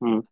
مم.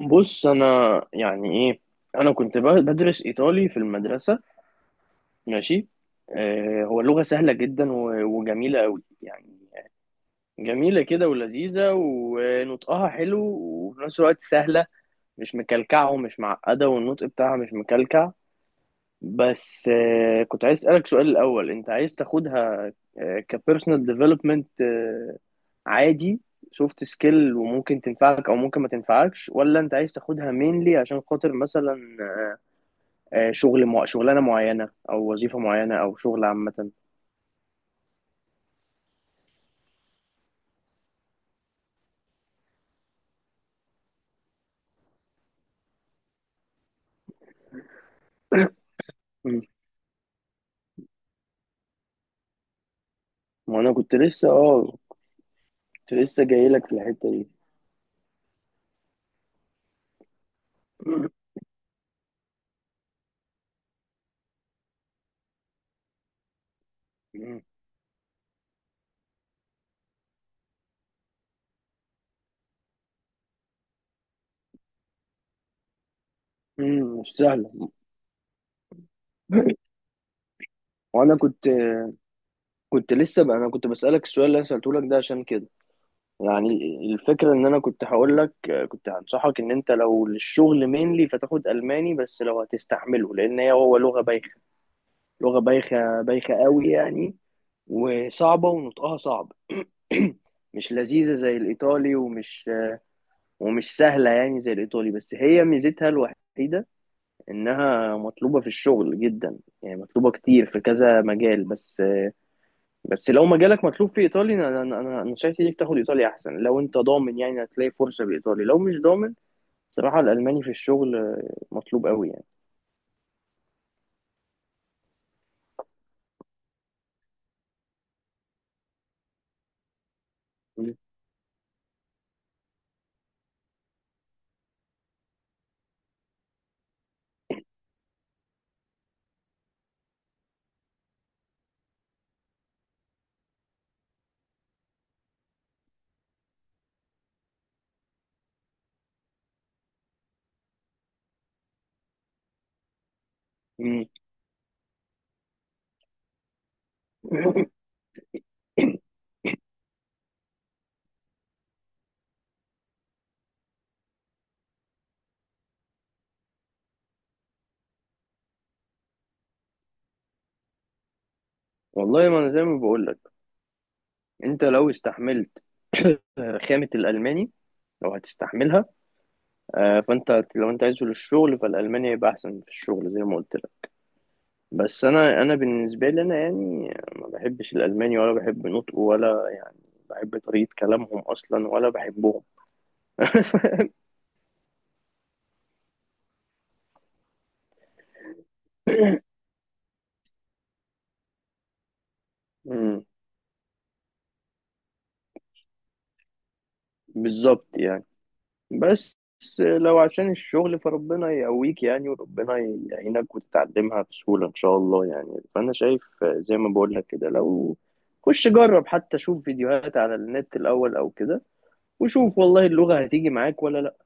بص انا يعني ايه، انا كنت بدرس ايطالي في المدرسه. ماشي. آه، هو لغه سهله جدا وجميله قوي يعني. جميله كده ولذيذه ونطقها حلو وفي نفس الوقت سهله. مش مكلكعه ومش معقده والنطق بتاعها مش مكلكع. بس كنت عايز اسالك سؤال الاول. انت عايز تاخدها كبيرسونال ديفلوبمنت عادي، سوفت سكيل، وممكن تنفعك او ممكن ما تنفعكش، ولا انت عايز تاخدها مينلي عشان خاطر مثلا شغلانه معينه او وظيفه معينه او شغل عامه؟ مم. ما انا كنت لسه كنت لسه جاي لك في الحته دي. مم. مم، مش سهله. وانا كنت كنت لسه بقى انا كنت بسالك السؤال اللي انا سالته لك ده عشان كده. يعني الفكرة ان انا كنت هقول لك، كنت هنصحك ان انت لو للشغل مينلي فتاخد الماني، بس لو هتستحمله. لان هي هو لغة بايخة، لغة بايخة بايخة قوي يعني. وصعبة ونطقها صعب. مش لذيذة زي الايطالي، ومش سهلة يعني زي الايطالي. بس هي ميزتها الوحيدة انها مطلوبة في الشغل جدا، يعني مطلوبة كتير في كذا مجال. بس لو مجالك مطلوب في ايطالي، انا انا انا أنا نصيحتي ليك تاخد ايطالي احسن لو انت ضامن يعني هتلاقي فرصة بايطالي. لو مش ضامن بصراحة الألماني في الشغل مطلوب قوي يعني. مم. مم. والله ما أنا زي ما بقول لك، أنت لو استحملت خامة الألماني، لو هتستحملها، فأنت لو أنت عايز تنزل الشغل فالألماني هيبقى أحسن في الشغل زي ما قلت لك. بس أنا بالنسبة لي أنا يعني ما بحبش الألماني ولا بحب نطقه ولا يعني بحب طريقة كلامهم أصلا ولا بحبهم. مم. بالظبط يعني. بس لو عشان الشغل فربنا يقويك يعني، وربنا يعينك وتتعلمها بسهولة إن شاء الله يعني. فأنا شايف زي ما بقول لك كده، لو خش جرب حتى شوف فيديوهات على النت الأول أو كده، وشوف والله اللغة هتيجي معاك ولا لأ،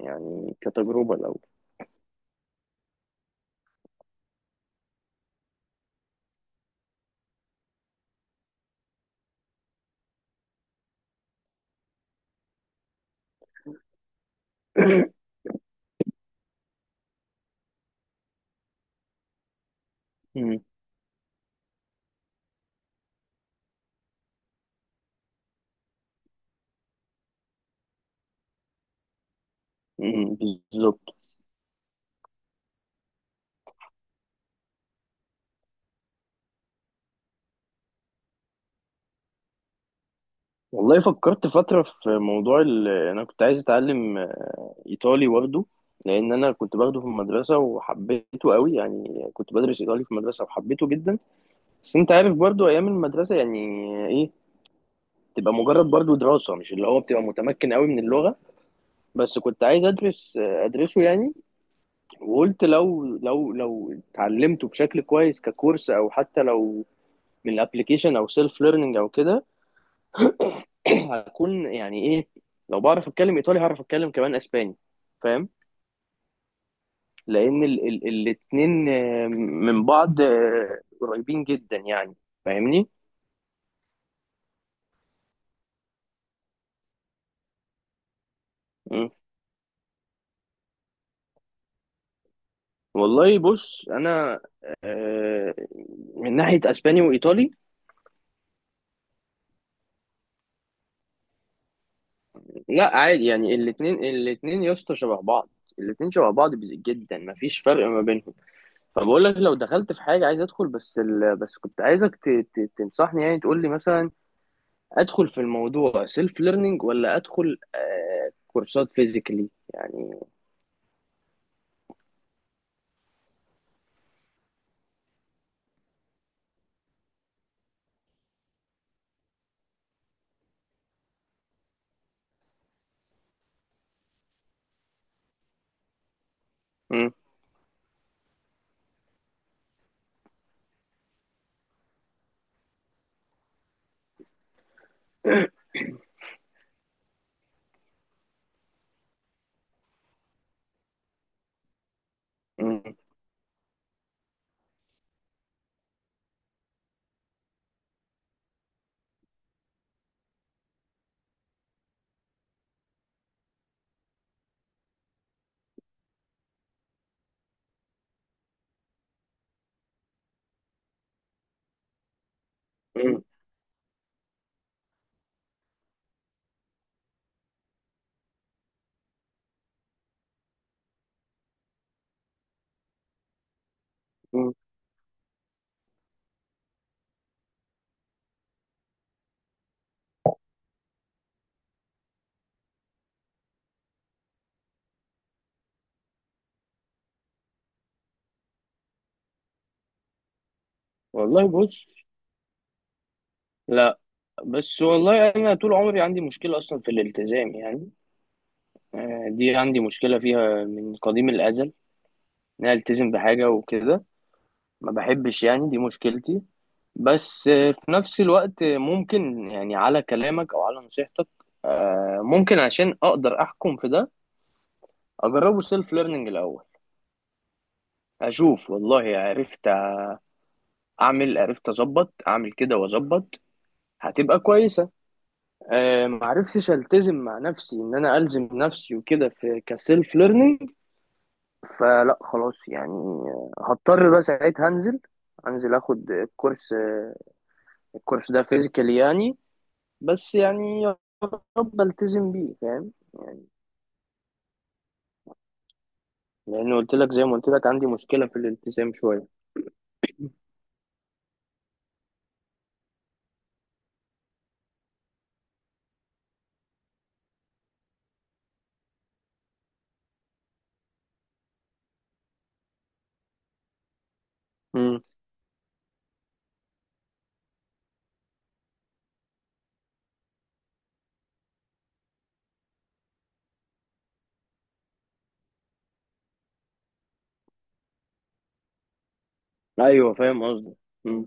يعني كتجربة الأول. مم. مم. بالظبط. والله فكرت فترة في موضوع أنا كنت عايز أتعلم إيطالي برضه، لأن أنا كنت باخده في المدرسة وحبيته قوي يعني. كنت بدرس إيطالي في المدرسة وحبيته جدا. بس انت عارف برضو ايام المدرسه يعني ايه، تبقى مجرد برضو دراسه مش اللي هو بتبقى متمكن قوي من اللغه. بس كنت عايز ادرسه يعني. وقلت لو اتعلمته بشكل كويس ككورس او حتى لو من الابلكيشن او سيلف ليرنينج او كده هكون يعني ايه، لو بعرف اتكلم ايطالي هعرف اتكلم كمان اسباني. فاهم؟ لان ال ال الاتنين من بعض قريبين جدا يعني. فاهمني؟ والله بص انا آه، من ناحيه اسباني وايطالي، لا عادي يعني، الاثنين، الاثنين يا اسطى شبه بعض. الاثنين شبه بعض جدا مفيش فرق ما بينهم. فبقول لك لو دخلت في حاجه عايز ادخل. بس كنت عايزك تنصحني يعني، تقول لي مثلا ادخل في الموضوع سيلف ليرنينج ولا ادخل كورسات فيزيكالي يعني؟ مم، مم، مم، مم. والله بص لا. بس والله انا طول عمري عندي مشكله اصلا في الالتزام يعني. دي عندي مشكلة فيها من قديم الأزل، إن أنا ألتزم بحاجة وكده، ما بحبش يعني، دي مشكلتي. بس في نفس الوقت ممكن يعني على كلامك أو على نصيحتك، ممكن عشان أقدر أحكم في ده أجربه سيلف ليرنينج الأول. أشوف والله عرفت أعمل، عرفت أظبط، أعمل كده وأظبط هتبقى كويسة. معرفتش ألتزم مع نفسي إن أنا ألزم نفسي وكده في كسيلف ليرنينج، فلا خلاص يعني، هضطر بقى ساعتها هنزل اخد الكورس. الكورس ده فيزيكال يعني. بس يعني يا رب التزم بيه، فاهم؟ يعني لان قلت لك زي ما قلت لك عندي مشكله في الالتزام شويه. امم. ايوه فاهم قصدي. امم.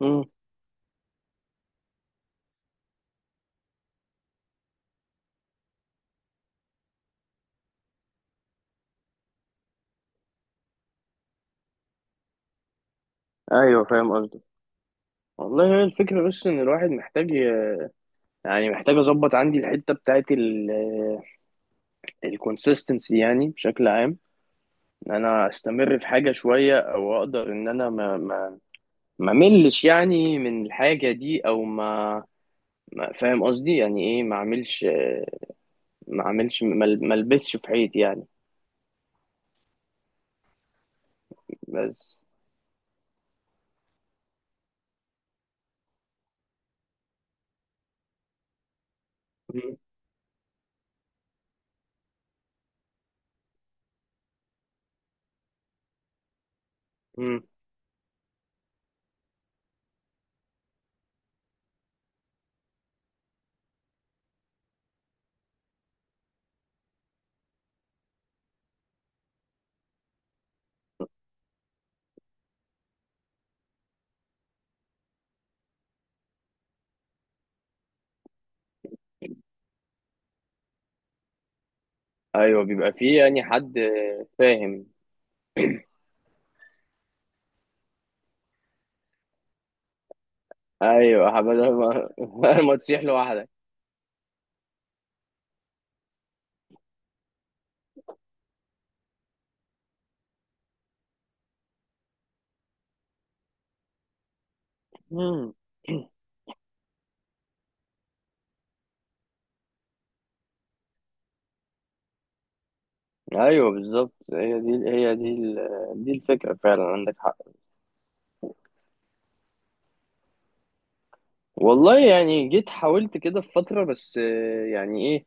امم. ايوه فاهم قصدي. والله هي الفكره، بس ان الواحد محتاج يعني محتاج اظبط عندي الحته بتاعت الكونسيستنسي يعني بشكل عام، ان انا استمر في حاجه شويه او اقدر ان انا ما ملش يعني من الحاجة دي، او فاهم قصدي يعني ايه، ما اعملش، ما اعملش ما ما البسش في حيط يعني. بس. مم. مم. ايوه بيبقى فيه يعني حد، فاهم؟ ايوه بدل ما ما تسيح لوحدك. مم. ايوه بالظبط، هي دي الفكره فعلا، عندك حق. والله يعني جيت حاولت كده في فتره، بس يعني ايه،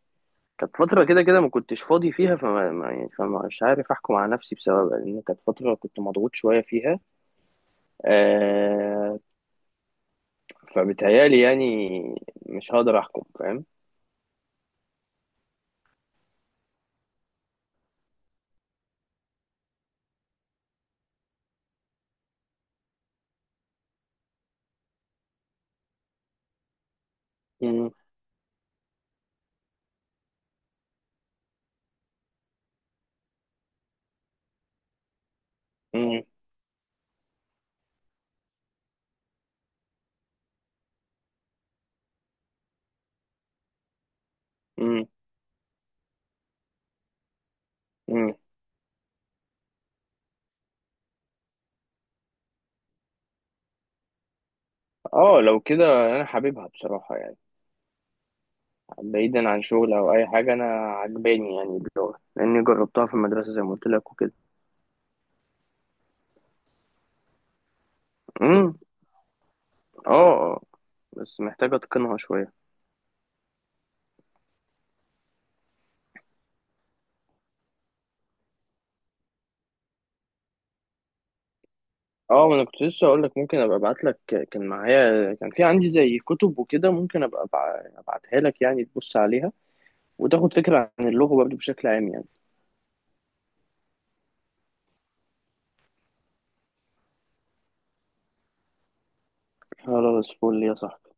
كانت فترة كده كده ما كنتش فاضي فيها، فما ما يعني فمش عارف أحكم على نفسي بسببها لأن كانت فترة كنت مضغوط شوية فيها، آه فبيتهيألي يعني مش هقدر أحكم، فاهم؟ مم. مم. مم. مم. اه لو كده، أنا حاببها بصراحة يعني، بعيدا عن شغل أو أي حاجة. أنا عجباني يعني اللغة لأني جربتها في المدرسة زي ما قلت لك وكده. مم. اه، آه. بس محتاج أتقنها شوية. اه ما انا كنت لسه اقول لك ممكن ابقى ابعت لك. كان معايا، كان في عندي زي كتب وكده، ممكن ابقى ابعتها لك يعني، تبص عليها وتاخد فكرة عن اللغة برضه بشكل عام يعني. خلاص فل يا صاحبي.